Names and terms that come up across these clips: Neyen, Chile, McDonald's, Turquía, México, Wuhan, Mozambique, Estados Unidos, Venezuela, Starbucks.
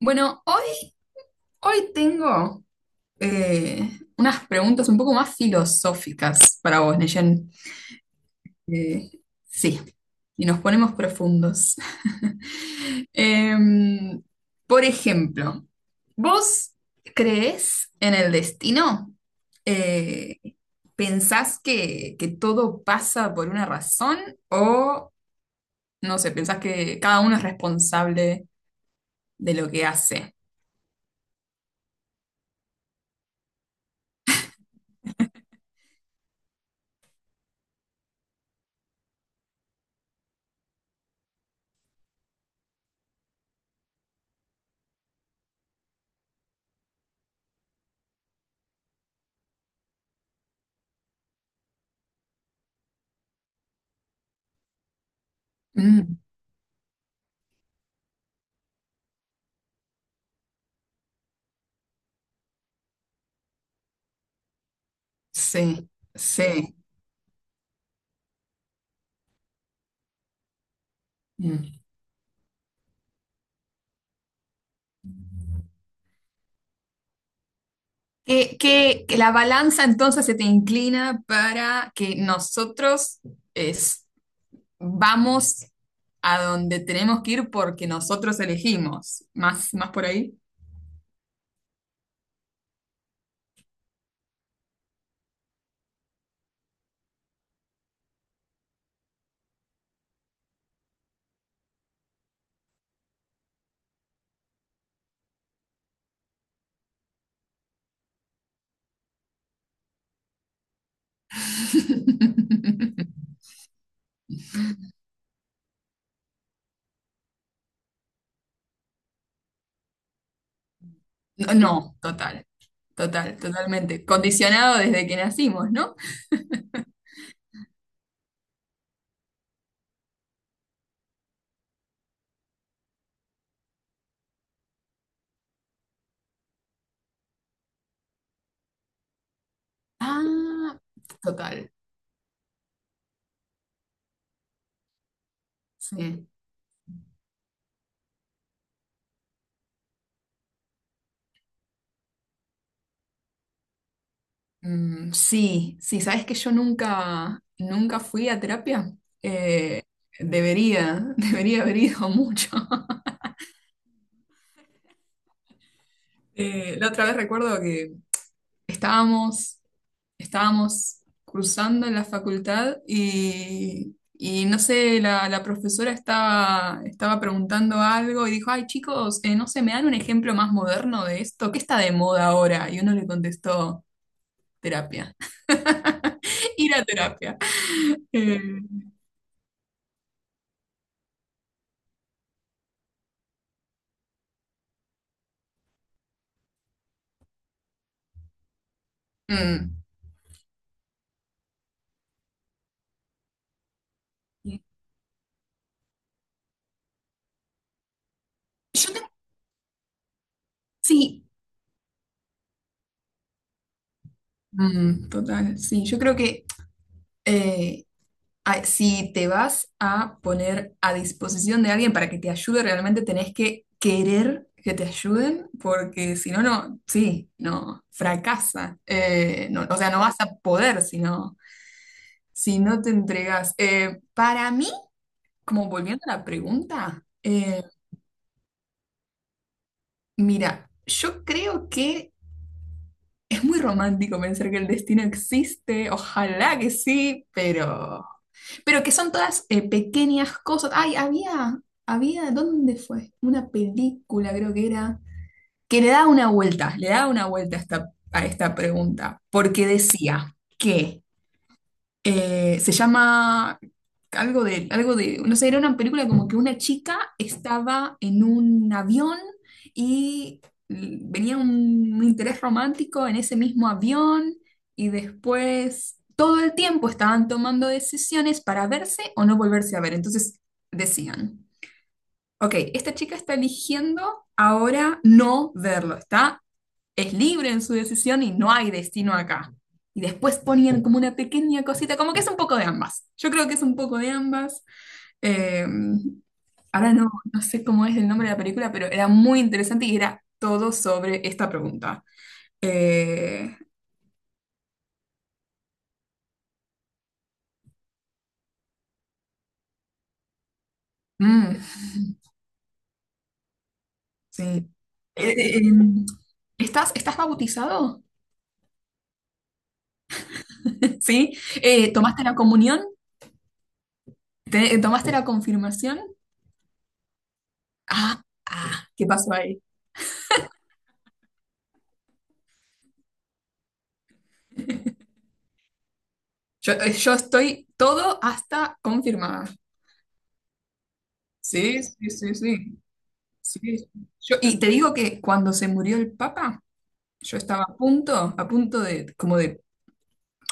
Bueno, hoy, hoy tengo eh, unas preguntas un poco más filosóficas para vos, Neyen. Eh, sí, y nos ponemos profundos. Em, por ejemplo, ¿vos crees en el destino? Eh, ¿Pensás que todo pasa por una razón? ¿O, no sé, pensás que cada uno es responsable de lo que hace? Mm, sí, sí. Mm. Que la balanza entonces se te inclina para que nosotros es, vamos a donde tenemos que ir porque nosotros elegimos. ¿Más, más por ahí? No, no, total, total, totalmente. Condicionado desde que nacimos, ¿no? Ah, total, sí. Mm, sí, sí, sabes que yo nunca, nunca fui a terapia. Eh, Debería, debería haber ido mucho. La otra vez recuerdo que estábamos, estábamos cruzando en la facultad y no sé, la profesora estaba preguntando algo y dijo, ay chicos, no sé, ¿me dan un ejemplo más moderno de esto? ¿Qué está de moda ahora? Y uno le contestó, terapia, ir a terapia. Eh, mm. Yo te- sí, mm, total, sí, yo creo que eh, si te vas a poner a disposición de alguien para que te ayude, realmente tenés que querer que te ayuden, porque si no, no, sí, no, fracasa. No, o sea, no vas a poder si no, si no te entregas. Para mí, como volviendo a la pregunta, mira, yo creo que... Es muy romántico pensar que el destino existe, ojalá que sí, pero que son todas pequeñas cosas. Ay, había, ¿dónde fue? Una película, creo que era, que le da una vuelta, le da una vuelta a a esta pregunta, porque decía que se llama algo de, no sé, era una película como que una chica estaba en un avión y venía un interés romántico en ese mismo avión y después todo el tiempo estaban tomando decisiones para verse o no volverse a ver. Entonces decían, ok, esta chica está eligiendo ahora no verlo, está es libre en su decisión y no hay destino acá. Y después ponían como una pequeña cosita, como que es un poco de ambas. Yo creo que es un poco de ambas. Eh, Ahora no, no sé cómo es el nombre de la película, pero era muy interesante y era todo sobre esta pregunta. Eh, mm, sí. Eh, em, ¿Estás, estás bautizado? ¿Sí? ¿Tomaste la comunión? ¿Tomaste la confirmación? Ah, ah, ¿qué pasó ahí? Yo, yo estoy todo hasta confirmada. Sí, sí, sí, sí. Sí. Yo, y te digo que cuando se murió el Papa, yo estaba a punto de, como de,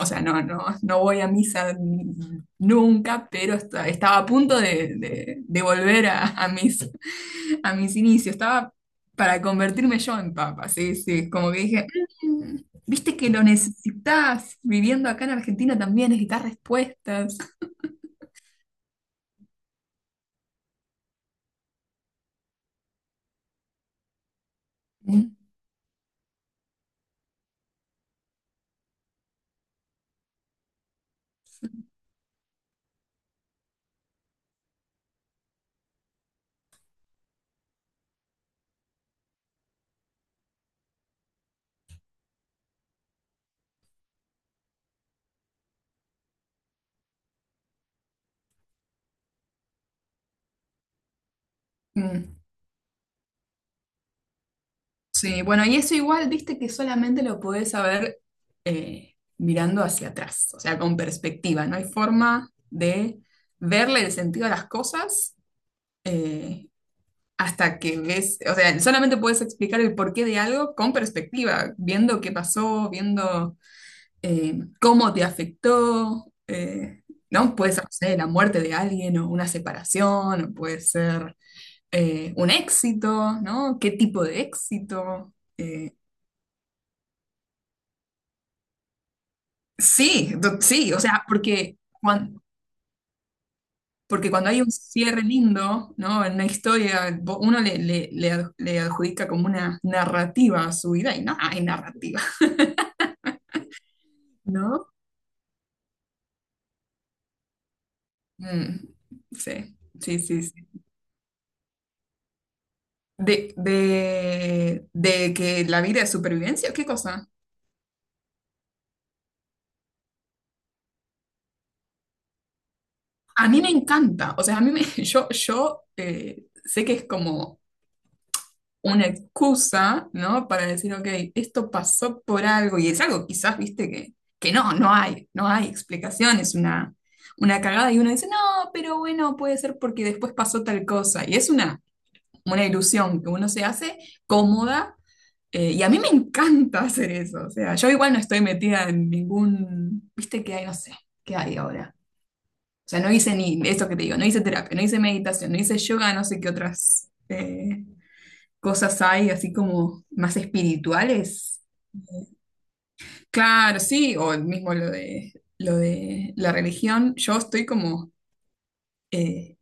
o sea, no, no, no voy a misa nunca, pero estaba a punto de, de volver a mis inicios. Estaba para convertirme yo en Papa, sí, sí. Como que dije, "Mm, viste que lo necesitas, viviendo acá en Argentina también necesitas respuestas. Mm. Mm. Sí, bueno, y eso igual, viste que solamente lo podés saber mirando hacia atrás, o sea, con perspectiva. No hay forma de verle el sentido a las cosas eh, hasta que ves, o sea, solamente puedes explicar el porqué de algo con perspectiva, viendo qué pasó, viendo cómo te afectó, ¿no? Puede ser, no sé, la muerte de alguien o una separación, o puede ser un éxito, ¿no? ¿Qué tipo de éxito? Sí, sí, o sea, porque cuando hay un cierre lindo, ¿no? En una historia, uno le le adjudica como una narrativa a su vida y no hay narrativa, ¿no? Mm, sí, sí, sí, sí. De que la vida es supervivencia, ¿qué cosa? A mí me encanta, o sea, a mí me, yo sé que es como una excusa, ¿no? Para decir, ok, esto pasó por algo, y es algo quizás, viste, que no, no hay, no hay explicación, es una cagada, y uno dice, no, pero bueno, puede ser porque después pasó tal cosa, y es una ilusión que uno se hace cómoda, y a mí me encanta hacer eso, o sea, yo igual no estoy metida en ningún, viste, que hay, no sé, qué hay ahora. O sea, no hice ni esto que te digo, no hice terapia, no hice meditación, no hice yoga, no sé qué otras cosas hay así como más espirituales. Claro, sí, o el mismo lo de la religión. Yo estoy como eh,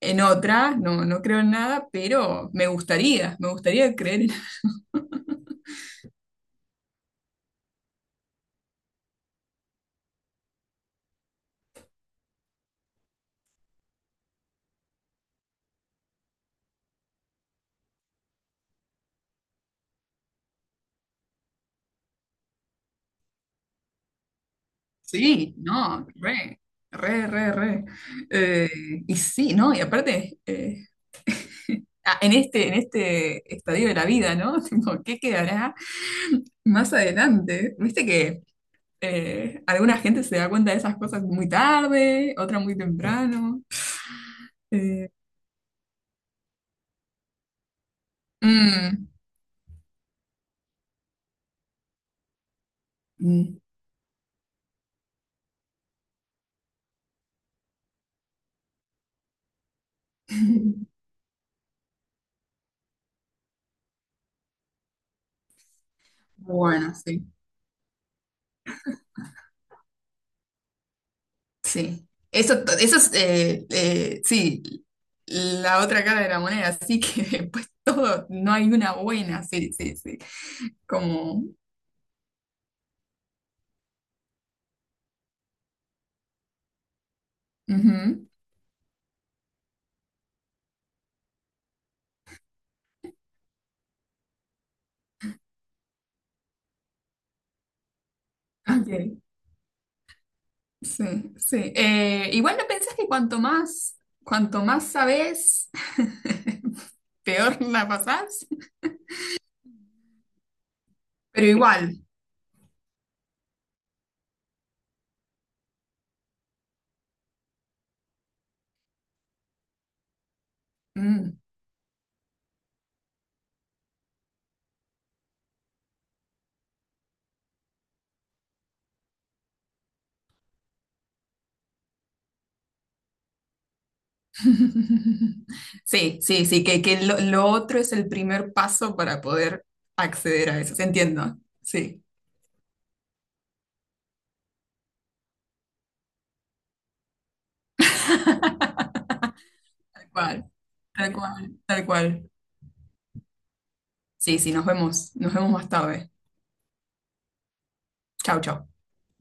en otra, no, no creo en nada, pero me gustaría creer en... Sí, no, re, re, re, re. Eh, y sí, ¿no? Y aparte, ah, en este estadio de la vida, ¿no? Tipo, ¿qué quedará más adelante? Viste que... alguna gente se da cuenta de esas cosas muy tarde, otra muy temprano. Eh, mm, mm. Bueno, sí, sí. Eso, eso es, sí, la otra cara de la moneda, así que pues todo, no hay una buena, sí, sí, sí. Como, ujú, ok, sí, sí. Igual no pensás que cuanto más sabés, peor la pasás, pero igual. Mm, sí, sí, sí, que lo otro es el primer paso para poder acceder a eso. ¿Se Entiendo. Sí, tal cual, tal cual, tal cual. Sí, sí, nos vemos más tarde. Chau, chau.